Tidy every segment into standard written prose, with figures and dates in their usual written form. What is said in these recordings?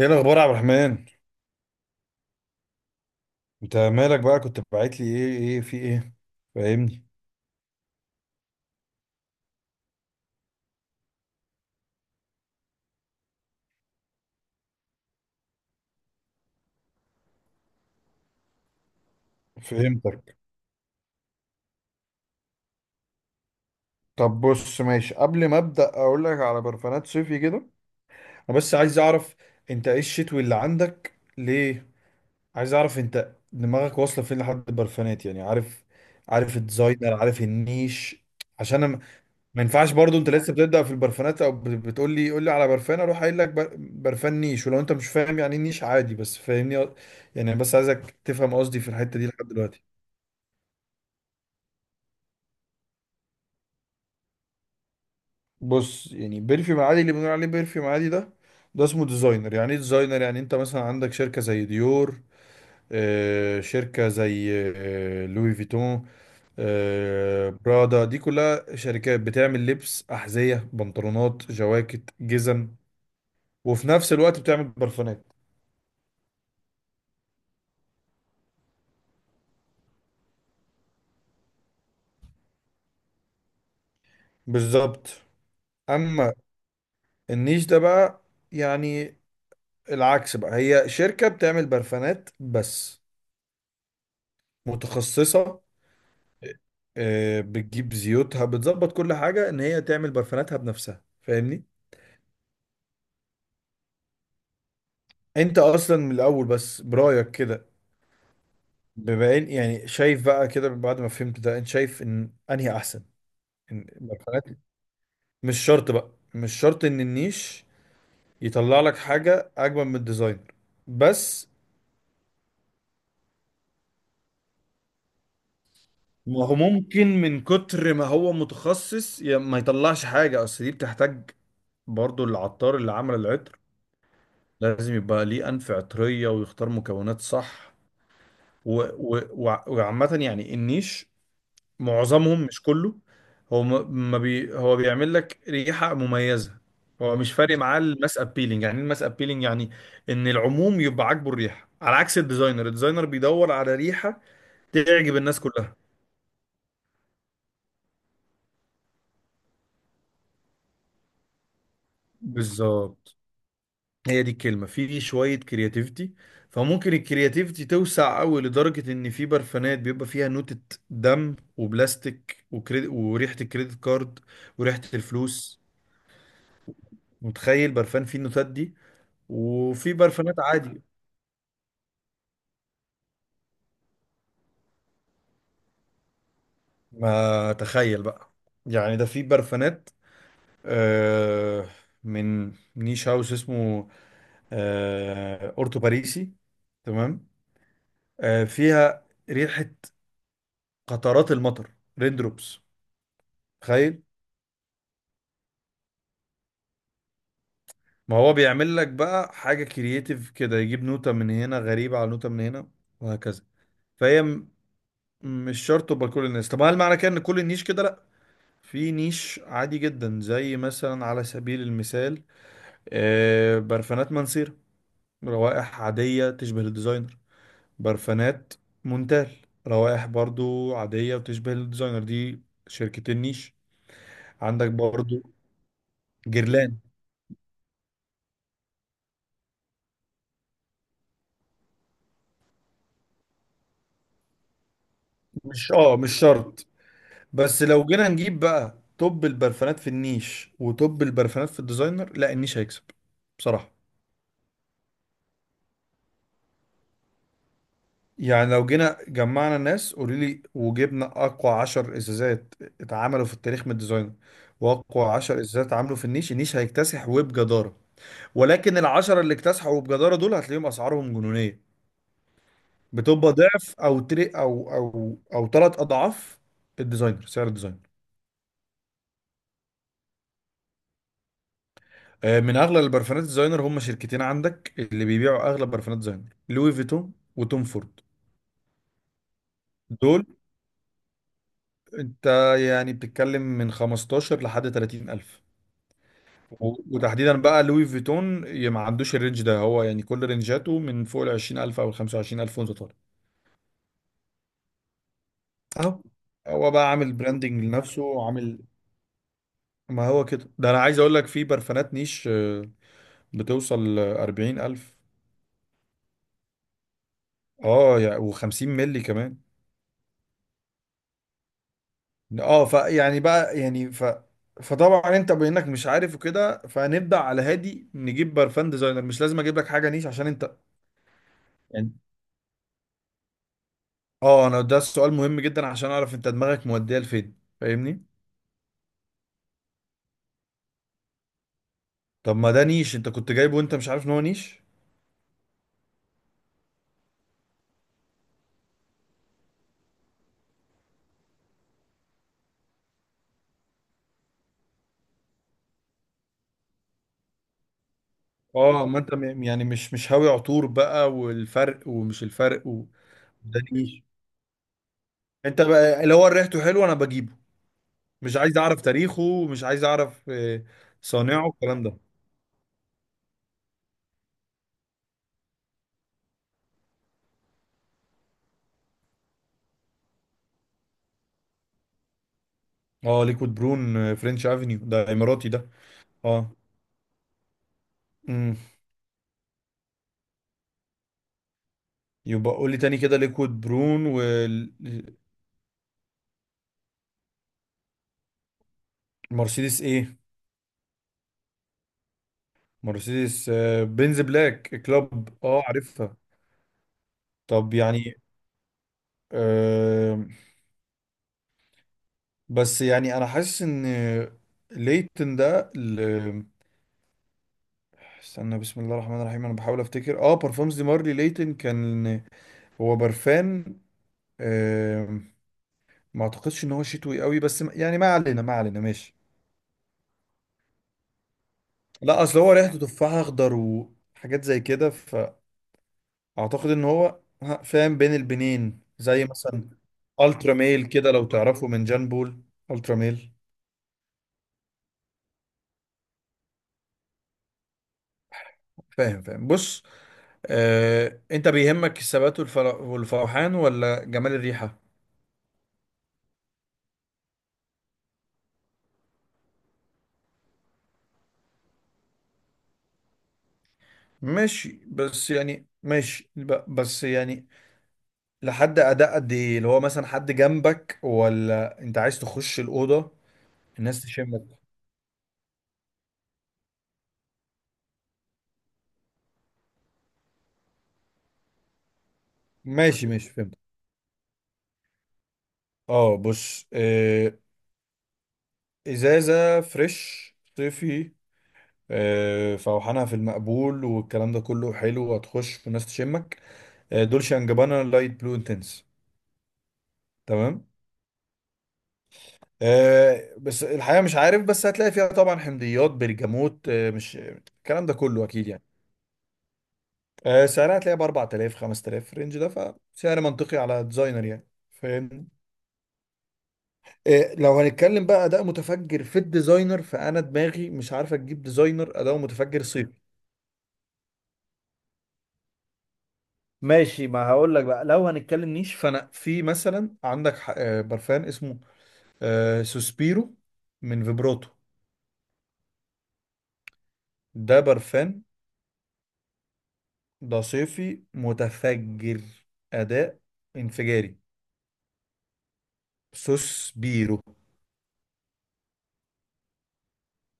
ايه الاخبار يا عبد الرحمن؟ انت مالك بقى؟ كنت باعت لي، ايه في ايه؟ فاهمني. فهمتك. طب بص، ماشي، قبل ما ابدا اقول لك على برفانات صيفي كده، انا بس عايز اعرف انت ايه الشتوي اللي عندك ليه. عايز اعرف انت دماغك واصله فين لحد البرفانات، يعني عارف، عارف الديزاينر، عارف النيش؟ عشان انا ما ينفعش برضو انت لسه بتبدأ في البرفانات او بتقول لي قول لي على برفان، اروح قايل لك برفان نيش ولو انت مش فاهم يعني ايه نيش عادي، بس فاهمني. يعني بس عايزك تفهم قصدي في الحتة دي لحد دلوقتي. بص، يعني بيرفيوم عادي اللي بنقول عليه بيرفيوم عادي ده، ده اسمه ديزاينر. يعني ايه ديزاينر؟ يعني انت مثلا عندك شركة زي ديور، آه، شركة زي، آه، لوي فيتون، آه، برادا، دي كلها شركات بتعمل لبس، أحذية، بنطلونات، جواكت، جزم، وفي نفس الوقت بتعمل برفانات. بالظبط. اما النيش ده بقى، يعني العكس بقى، هي شركة بتعمل برفانات بس، متخصصة، آه، بتجيب زيوتها، بتظبط كل حاجة ان هي تعمل برفاناتها بنفسها، فاهمني. انت اصلا من الاول بس برأيك كده، بما ان يعني شايف بقى كده بعد ما فهمت ده، انت شايف ان انهي احسن؟ إن برفانات، مش شرط بقى، مش شرط ان النيش يطلع لك حاجة اجمل من الديزاينر. بس ما هو ممكن من كتر ما هو متخصص ما يطلعش حاجة. أصل دي بتحتاج برضو العطار اللي عمل العطر لازم يبقى ليه أنف عطرية ويختار مكونات صح. و- و- وع- وعامة يعني النيش معظمهم، مش كله، هو م- ما بي هو بيعمل لك ريحة مميزة. هو مش فارق معاه الماس ابيلينج. يعني ايه الماس ابيلينج؟ يعني ان العموم يبقى عاجبه الريحة، على عكس الديزاينر. الديزاينر بيدور على ريحة تعجب الناس كلها. بالظبط. هي دي الكلمة، في شوية كرياتيفيتي. فممكن الكرياتيفيتي توسع قوي لدرجة ان في برفانات بيبقى فيها نوتة دم وبلاستيك وريحة الكريدت كارد وريحة الفلوس. متخيل برفان فيه النوتات دي وفي برفانات عادي؟ ما تخيل بقى. يعني ده في برفانات، آه، من نيش هاوس اسمه، آه، اورتو باريسي، تمام، آه، فيها ريحة قطرات المطر، ريندروبس. ما هو بيعمل لك بقى حاجة كرييتيف كده، يجيب نوتة من هنا غريبة على نوتة من هنا، وهكذا. فهي م- مش شرط تبقى كل الناس. طب هل معنى كده ان كل النيش كده؟ لا، في نيش عادي جدا، زي مثلا على سبيل المثال، آه، برفانات منصير، روائح عادية تشبه الديزاينر، برفانات مونتال، روائح برضو عادية وتشبه الديزاينر. دي شركتين نيش عندك، برضو جيرلان. مش شرط. بس لو جينا نجيب بقى توب البرفانات في النيش وتوب البرفانات في الديزاينر، لا، النيش هيكسب، بصراحة. يعني لو جينا جمعنا الناس، قولي لي، وجبنا أقوى 10 إزازات اتعملوا في التاريخ من الديزاينر، وأقوى 10 إزازات اتعملوا في النيش، النيش هيكتسح وبجدارة. ولكن العشرة اللي اكتسحوا وبجدارة دول هتلاقيهم أسعارهم جنونية، بتبقى ضعف أو تري أو ثلاث أضعاف الديزاينر، سعر الديزاينر. آه، من اغلى البرفانات الديزاينر، هم شركتين عندك اللي بيبيعوا اغلى برفانات ديزاينر، لوي فيتون وتوم فورد. دول انت يعني بتتكلم من 15 لحد 30 الف. و- وتحديدا بقى لوي فيتون، ما عندوش الرينج ده، هو يعني كل رينجاته من فوق ال 20 الف او ال 25 الف وانت طالع. اهو، هو بقى عامل براندنج لنفسه وعامل. ما هو كده، ده انا عايز اقول لك في برفانات نيش، آه، بتوصل 40 الف. اه يعني و50 ملي كمان. اه فيعني بقى يعني ف فطبعا انت بانك مش عارف وكده، فنبدا على هادي، نجيب برفان ديزاينر، مش لازم اجيب لك حاجه نيش عشان انت يعني. اه، انا ده السؤال مهم جدا عشان اعرف انت دماغك موديه لفين، فاهمني. طب ما ده نيش انت كنت جايبه وانت مش عارف ان هو نيش. اه ما انت مش هاوي عطور بقى، والفرق، ومش الفرق و... ده نيش. انت بقى اللي هو ريحته حلوه انا بجيبه، مش عايز اعرف تاريخه، مش عايز اعرف، آه، صانعه، الكلام ده. اه ليكويد برون، آه، فرنش افنيو، ده اماراتي ده. اه. امم. يبقى قول لي تاني كده، ليكويد برون والمرسيدس، ايه؟ مرسيدس، آه، بنز بلاك كلوب، اه عارفها. طب يعني، آه، بس يعني انا حاسس ان ليتن ده استنى، بسم الله الرحمن الرحيم، انا بحاول افتكر. اه، بارفومز دي مارلي ليتن كان هو برفان، آه، ما اعتقدش ان هو شتوي قوي، بس يعني ما علينا، ما علينا، ماشي. لا، اصل هو ريحته تفاح اخضر وحاجات زي كده. اعتقد ان هو فاهم بين البنين، زي مثلا الترا ميل كده لو تعرفه، من جان بول، الترا ميل. فاهم فاهم. بص، آه، انت بيهمك الثبات والفر- والفوحان ولا جمال الريحة؟ ماشي، بس يعني، ماشي، بس يعني لحد اداء قد ايه؟ اللي هو مثلا حد جنبك ولا انت عايز تخش الأوضة الناس تشمك؟ ماشي ماشي فهمت. اه بص، آه، ازازة فريش صيفي، آه، فوحانها في المقبول والكلام ده كله حلو، وهتخش والناس تشمك، آه، دولشе اند جابانا لايت بلو انتنس، تمام، آه، بس الحقيقه مش عارف، بس هتلاقي فيها طبعا حمضيات، برجموت، آه، مش الكلام ده كله اكيد يعني. آه، سعرها هتلاقيها ب 4000 5000، الرينج ده، فسعر منطقي على ديزاينر يعني، فاهم. آه، لو هنتكلم بقى اداء متفجر في الديزاينر، فانا دماغي مش عارفه تجيب ديزاينر اداؤه متفجر صيف. ماشي، ما هقول لك بقى، لو هنتكلم نيش، فانا في مثلا عندك آه، برفان اسمه، آه، سوسبيرو، من فيبروتو. ده برفان ده صيفي متفجر، اداء انفجاري. سوسبيرو.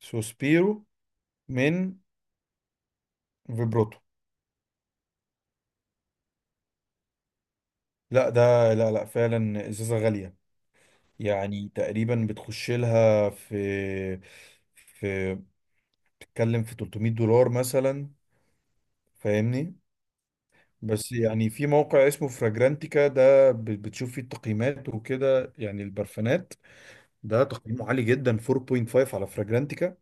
سوسبيرو من فيبروتو. لا ده، لا لا فعلا ازازه غاليه. يعني تقريبا بتخش لها في، في، بتتكلم في $300 مثلا، فاهمني. بس يعني في موقع اسمه فراجرانتيكا ده، بتشوف فيه التقييمات وكده، يعني البرفانات ده تقييمه عالي جدا، 4.5 على فراجرانتيكا،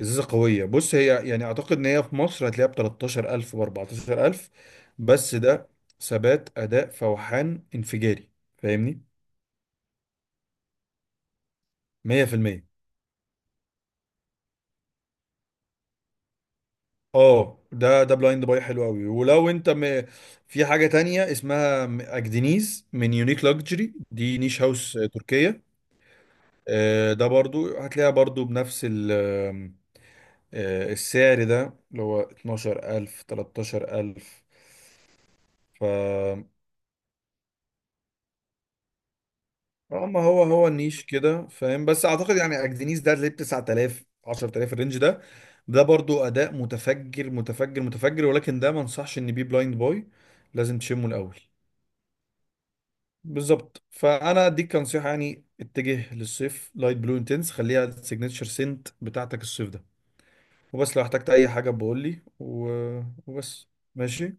ازازه قويه. بص هي يعني اعتقد ان هي في مصر هتلاقيها ب 13000، ب 14000، بس ده ثبات، اداء، فوحان انفجاري، فاهمني، 100%. اه ده، ده بلايند باي حلو قوي ولو انت م... في حاجه تانية اسمها اجدنيز من يونيك لاكجري، دي نيش هاوس تركيه، آه، ده برضو هتلاقيها برضو بنفس آه، السعر ده اللي هو 12000 13000. ف اما هو، هو النيش كده فاهم. بس اعتقد يعني اجدنيس ده اللي ب 9000 10000، الرينج ده، ده برضو اداء متفجر متفجر متفجر، ولكن ده ما انصحش ان بيه بلايند بوي، لازم تشمه الاول. بالظبط، فانا اديك كنصيحه يعني، اتجه للصيف، لايت بلو انتنس، خليها السيجنتشر سنت بتاعتك الصيف ده، وبس، لو احتجت اي حاجه بقول لي و... وبس، ماشي.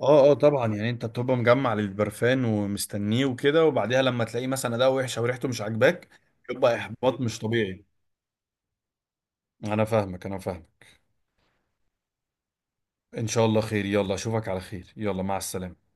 اه اه طبعا يعني انت بتبقى مجمع للبرفان ومستنيه وكده، وبعديها لما تلاقيه مثلا اداء وحش او ريحته مش عاجباك، يبقى احباط مش طبيعي. انا فاهمك، انا فاهمك. ان شاء الله خير، يلا اشوفك على خير، يلا مع السلامة.